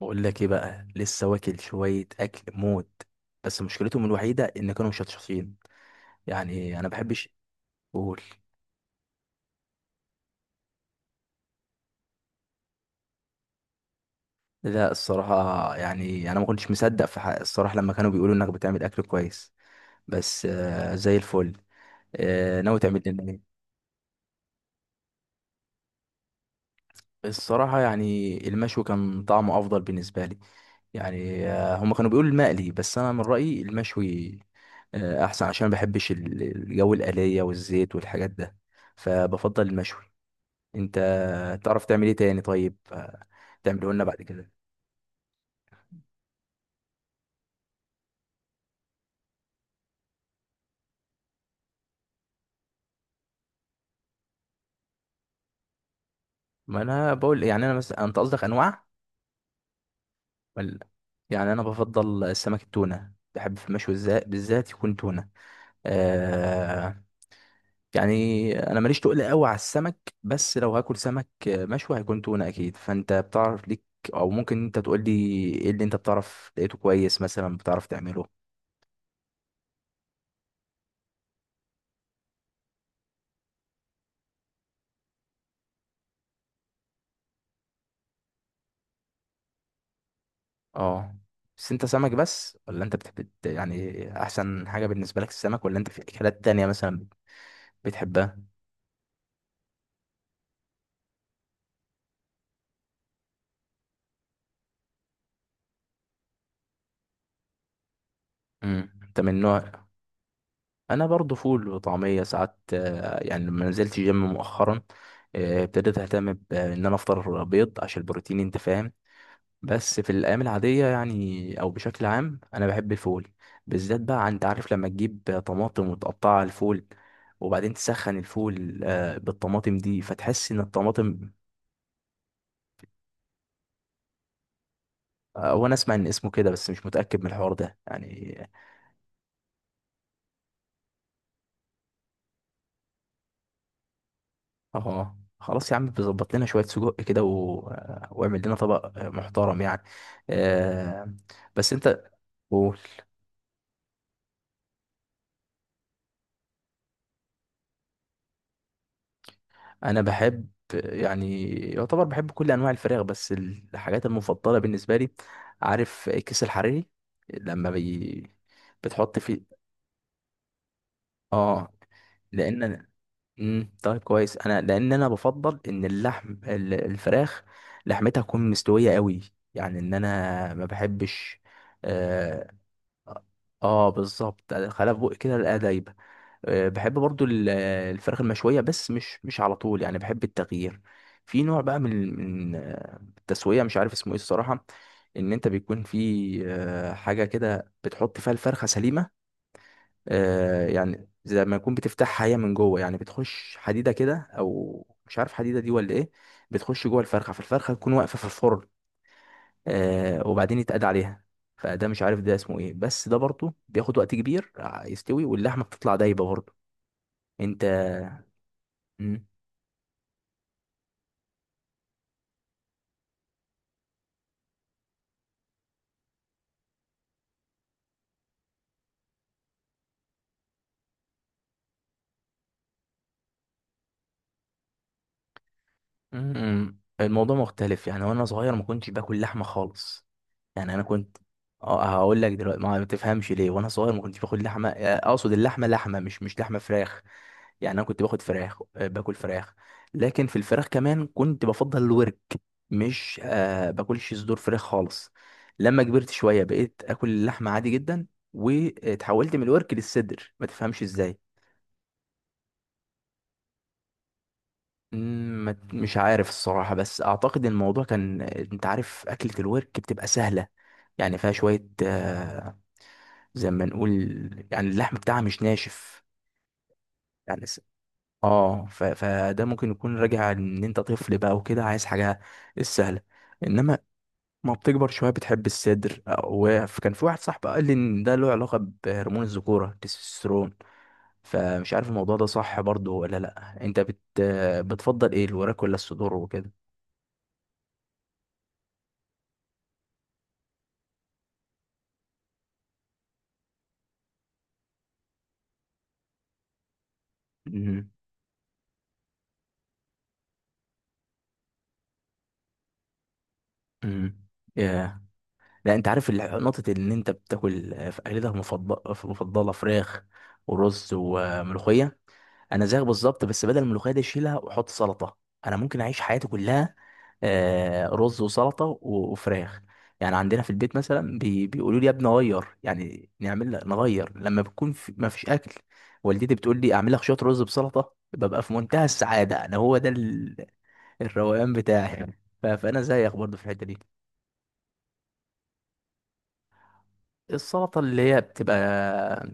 بقول لك ايه بقى. لسه واكل شويه اكل موت. بس مشكلتهم الوحيده ان كانوا مشطشطين. يعني انا بحبش اقول. لا، الصراحه يعني انا ما كنتش مصدق في حق الصراحه لما كانوا بيقولوا انك بتعمل اكل كويس. بس آه، زي الفل. آه، ناوي تعمل لنا ايه؟ الصراحه يعني المشوي كان طعمه افضل بالنسبه لي. يعني آه، هم كانوا بيقولوا المقلي بس انا من رايي المشوي. آه، احسن عشان ما بحبش الجو الآلية والزيت والحاجات ده. فبفضل المشوي. انت تعرف تعمل ايه تاني؟ طيب آه، تعمله لنا بعد كده. ما انا بقول يعني انا مثلا، انت قصدك انواع ولا؟ يعني انا بفضل السمك التونه، بحب في المشوي بالذات يكون تونه. آه. يعني انا ماليش تقل قوي على السمك، بس لو هاكل سمك مشوي هيكون تونه اكيد، فانت بتعرف ليك. او ممكن انت تقول لي ايه اللي انت بتعرف لقيته كويس مثلا بتعرف تعمله؟ اه. بس انت سمك بس ولا انت بتحب، يعني احسن حاجه بالنسبه لك السمك، ولا انت في اكلات تانية مثلا بتحبها؟ انت من نوع. انا برضو فول وطعميه ساعات، يعني لما نزلت جيم مؤخرا. ابتديت اهتم بان انا افطر بيض عشان البروتين، انت فاهم. بس في الايام العاديه يعني او بشكل عام انا بحب الفول. بالذات بقى، انت عارف لما تجيب طماطم وتقطعها على الفول وبعدين تسخن الفول بالطماطم دي، فتحس ان الطماطم. وانا اسمع ان اسمه كده بس مش متاكد من الحوار ده يعني. اه، خلاص يا عم، بيظبط لنا شويه سجق كده و... آه، واعمل لنا طبق آه، محترم يعني. آه. بس انت قول. انا بحب، يعني يعتبر بحب كل انواع الفراخ، بس الحاجات المفضله بالنسبه لي، عارف الكيس الحريري، لما بتحط فيه. اه، لان. طيب، كويس، انا لان انا بفضل ان اللحم الفراخ لحمتها تكون مستويه قوي. يعني ان انا ما بحبش. اه. آه بالظبط، خلاف بقى كده الاقيها دايبه. آه، بحب برضو الفراخ المشويه، بس مش على طول، يعني بحب التغيير. في نوع بقى من التسويه، مش عارف اسمه ايه الصراحه. ان انت بيكون في آه، حاجه كده بتحط فيها الفرخه سليمه. آه، يعني زي ما يكون بتفتحها هي من جوه، يعني بتخش حديده كده، او مش عارف حديده دي ولا ايه. بتخش جوه الفرخه، فالفرخه تكون واقفه في الفرن. آه، وبعدين يتقاد عليها. فده مش عارف ده اسمه ايه، بس ده برضه بياخد وقت كبير يستوي، واللحمه بتطلع دايبه برضه. انت. مم. مم. الموضوع مختلف، يعني وانا صغير ما كنتش باكل لحمه خالص. يعني انا كنت. اه، هقول لك دلوقتي ما تفهمش ليه. وانا صغير ما كنتش باكل لحمه، آه، اقصد اللحمه لحمه مش لحمه فراخ. يعني انا كنت باخد فراخ، آه، باكل فراخ. لكن في الفراخ كمان كنت بفضل الورك. مش باكلش صدور فراخ خالص. لما كبرت شويه بقيت اكل اللحمه عادي جدا، وتحولت من الورك للصدر، ما تفهمش ازاي. مم، مش عارف الصراحه، بس اعتقد الموضوع كان، انت عارف اكله الورك بتبقى سهله، يعني فيها شويه آه، زي ما نقول، يعني اللحم بتاعها مش ناشف. يعني اه فده ممكن يكون راجع ان انت طفل بقى وكده، عايز حاجه السهله. انما ما بتكبر شويه بتحب الصدر. وكان في واحد صاحبي قال لي ان ده له علاقه بهرمون الذكوره، التستوستيرون. فمش عارف الموضوع ده صح برضو ولا لا. انت بتفضل ايه، الوراك ولا الصدور وكده؟ امم امم. ياه. لا انت عارف نقطه ان انت بتاكل في اكلتك المفضله، مفضله فراخ ورز وملوخيه، انا زيك بالظبط، بس بدل الملوخيه دي اشيلها واحط سلطه. انا ممكن اعيش حياتي كلها آه، رز وسلطه وفراخ. يعني عندنا في البيت مثلا بيقولوا لي يا ابني غير، يعني نعمل نغير لما بكون في ما فيش اكل. والدتي بتقول لي اعمل لك شويه رز بسلطه، ببقى في منتهى السعاده. انا هو ده الروقان بتاعي. فانا زيك برضه في الحته دي. السلطه اللي هي بتبقى،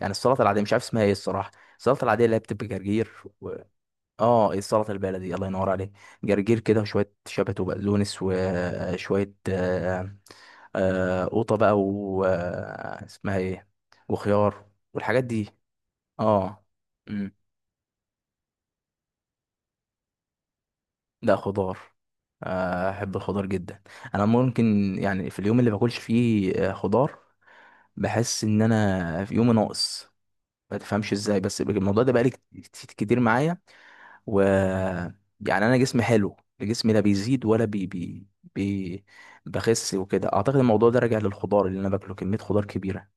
يعني السلطه العاديه مش عارف اسمها ايه الصراحه. السلطه العاديه اللي هي بتبقى جرجير. اه، إيه، السلطه البلدي، الله ينور عليك. جرجير كده وشويه شبت وبقدونس وشويه آه، آه، قوطه بقى و آه، اسمها ايه، وخيار والحاجات دي. اه. امم لا، خضار. آه، احب الخضار جدا. انا ممكن يعني في اليوم اللي باكلش فيه آه، خضار، بحس ان انا في يوم ناقص. ما تفهمش ازاي، بس الموضوع ده بقالي كتير معايا. و يعني انا جسمي حلو، جسمي لا بيزيد ولا بي... بخس وكده. اعتقد الموضوع ده راجع للخضار اللي انا باكله، كميه خضار كبيره.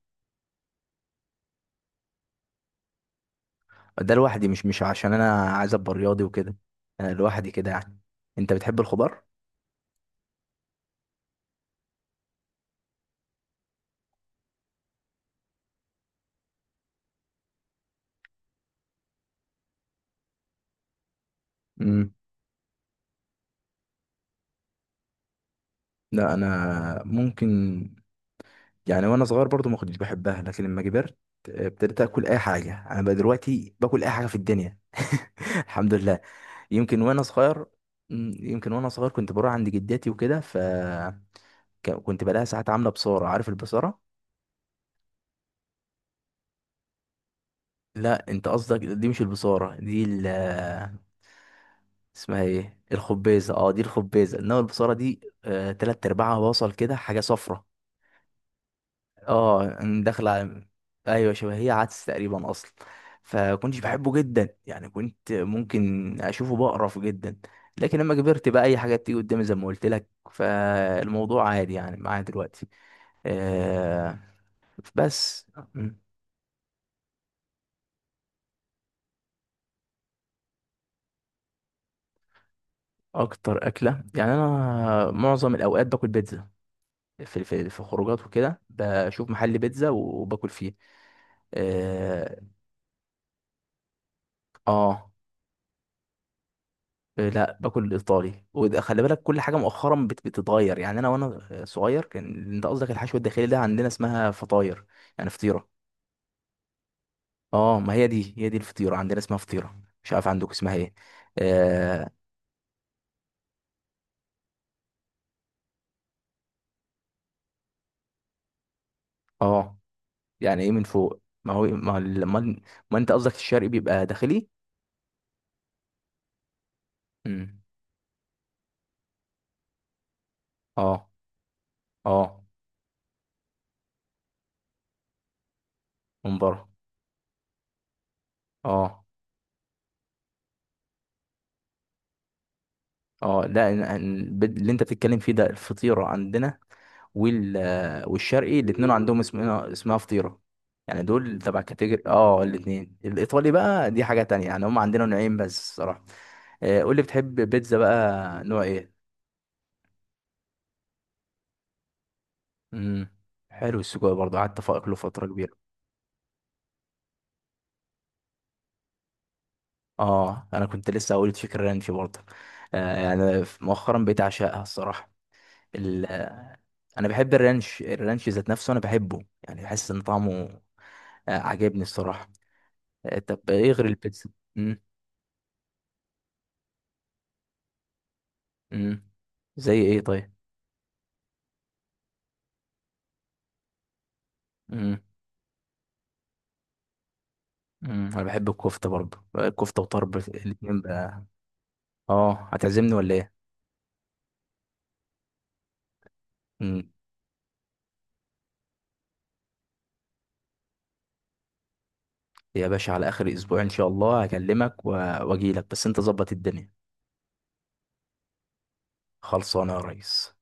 ده لوحدي، مش عشان انا عايز ابقى رياضي وكده. انا لوحدي كده يعني. انت بتحب الخضار؟ امم لا، انا ممكن. يعني وانا صغير برضو ما كنتش بحبها، لكن لما كبرت آه، ابتديت اكل اي حاجه. انا بقى دلوقتي باكل اي حاجه في الدنيا الحمد لله. يمكن وانا صغير. مم، يمكن وانا صغير كنت بروح عند جداتي وكده، ف كنت بلاقيها ساعات عاملة بصارة. عارف البصارة؟ لا، انت قصدك دي مش البصارة، دي اسمها ايه، الخبيزة. اه، دي الخبيزة. انما البصارة دي آه، تلات ارباعها بصل كده، حاجة صفرة. اه. داخلة على- ايوه، شبه هي عدس تقريبا اصلا. فكنتش بحبه جدا، يعني كنت ممكن اشوفه بقرف جدا. لكن لما كبرت بقى اي حاجة بتيجي قدامي، زي ما قلت لك، فالموضوع عادي يعني معايا دلوقتي. آه. بس. اكتر اكله يعني انا معظم الاوقات باكل بيتزا. في خروجات وكده بشوف محل بيتزا وباكل فيه. اه. آه، لا، باكل الايطالي. وده خلي بالك كل حاجه مؤخرا بتتغير. يعني انا وانا صغير كان، انت قصدك الحشو الداخلي ده عندنا اسمها فطاير، يعني فطيره. اه، ما هي دي، هي دي الفطيره، عندنا اسمها فطيره، مش عارف عندك اسمها ايه. اه. آه. يعني ايه من فوق؟ ما هو إيه؟ ما انت قصدك الشرقي بيبقى داخلي. امم اه. اه. من بره. اه. اه، لا، اللي انت بتتكلم فيه ده الفطيره عندنا. وال آه، والشرقي الاثنين عندهم اسمها فطيره. يعني دول تبع كاتيجوري، اه، الاثنين. الايطالي بقى دي حاجه تانية، يعني هم عندنا نوعين بس صراحه. آه، قول لي بتحب بيتزا بقى نوع ايه؟ امم حلو. السجق برضه قعدت اكله فتره كبيره. اه، انا كنت لسه هقول تشيكن رانش برضه. آه، يعني مؤخرا بقيت اعشقها الصراحه. ال... انا بحب الرانش، الرانش ذات نفسه انا بحبه، يعني بحس ان طعمه آه، عاجبني الصراحه. آه، طب ايه غير البيتزا؟ امم امم. زي ايه طيب؟ امم امم. انا بحب الكفته برضه، الكفته وطرب الاتنين بقى. اه، هتعزمني ولا ايه؟ امم يا باشا، على اخر اسبوع ان شاء الله هكلمك واجيلك، بس انت ظبط الدنيا. خلصانه يا ريس.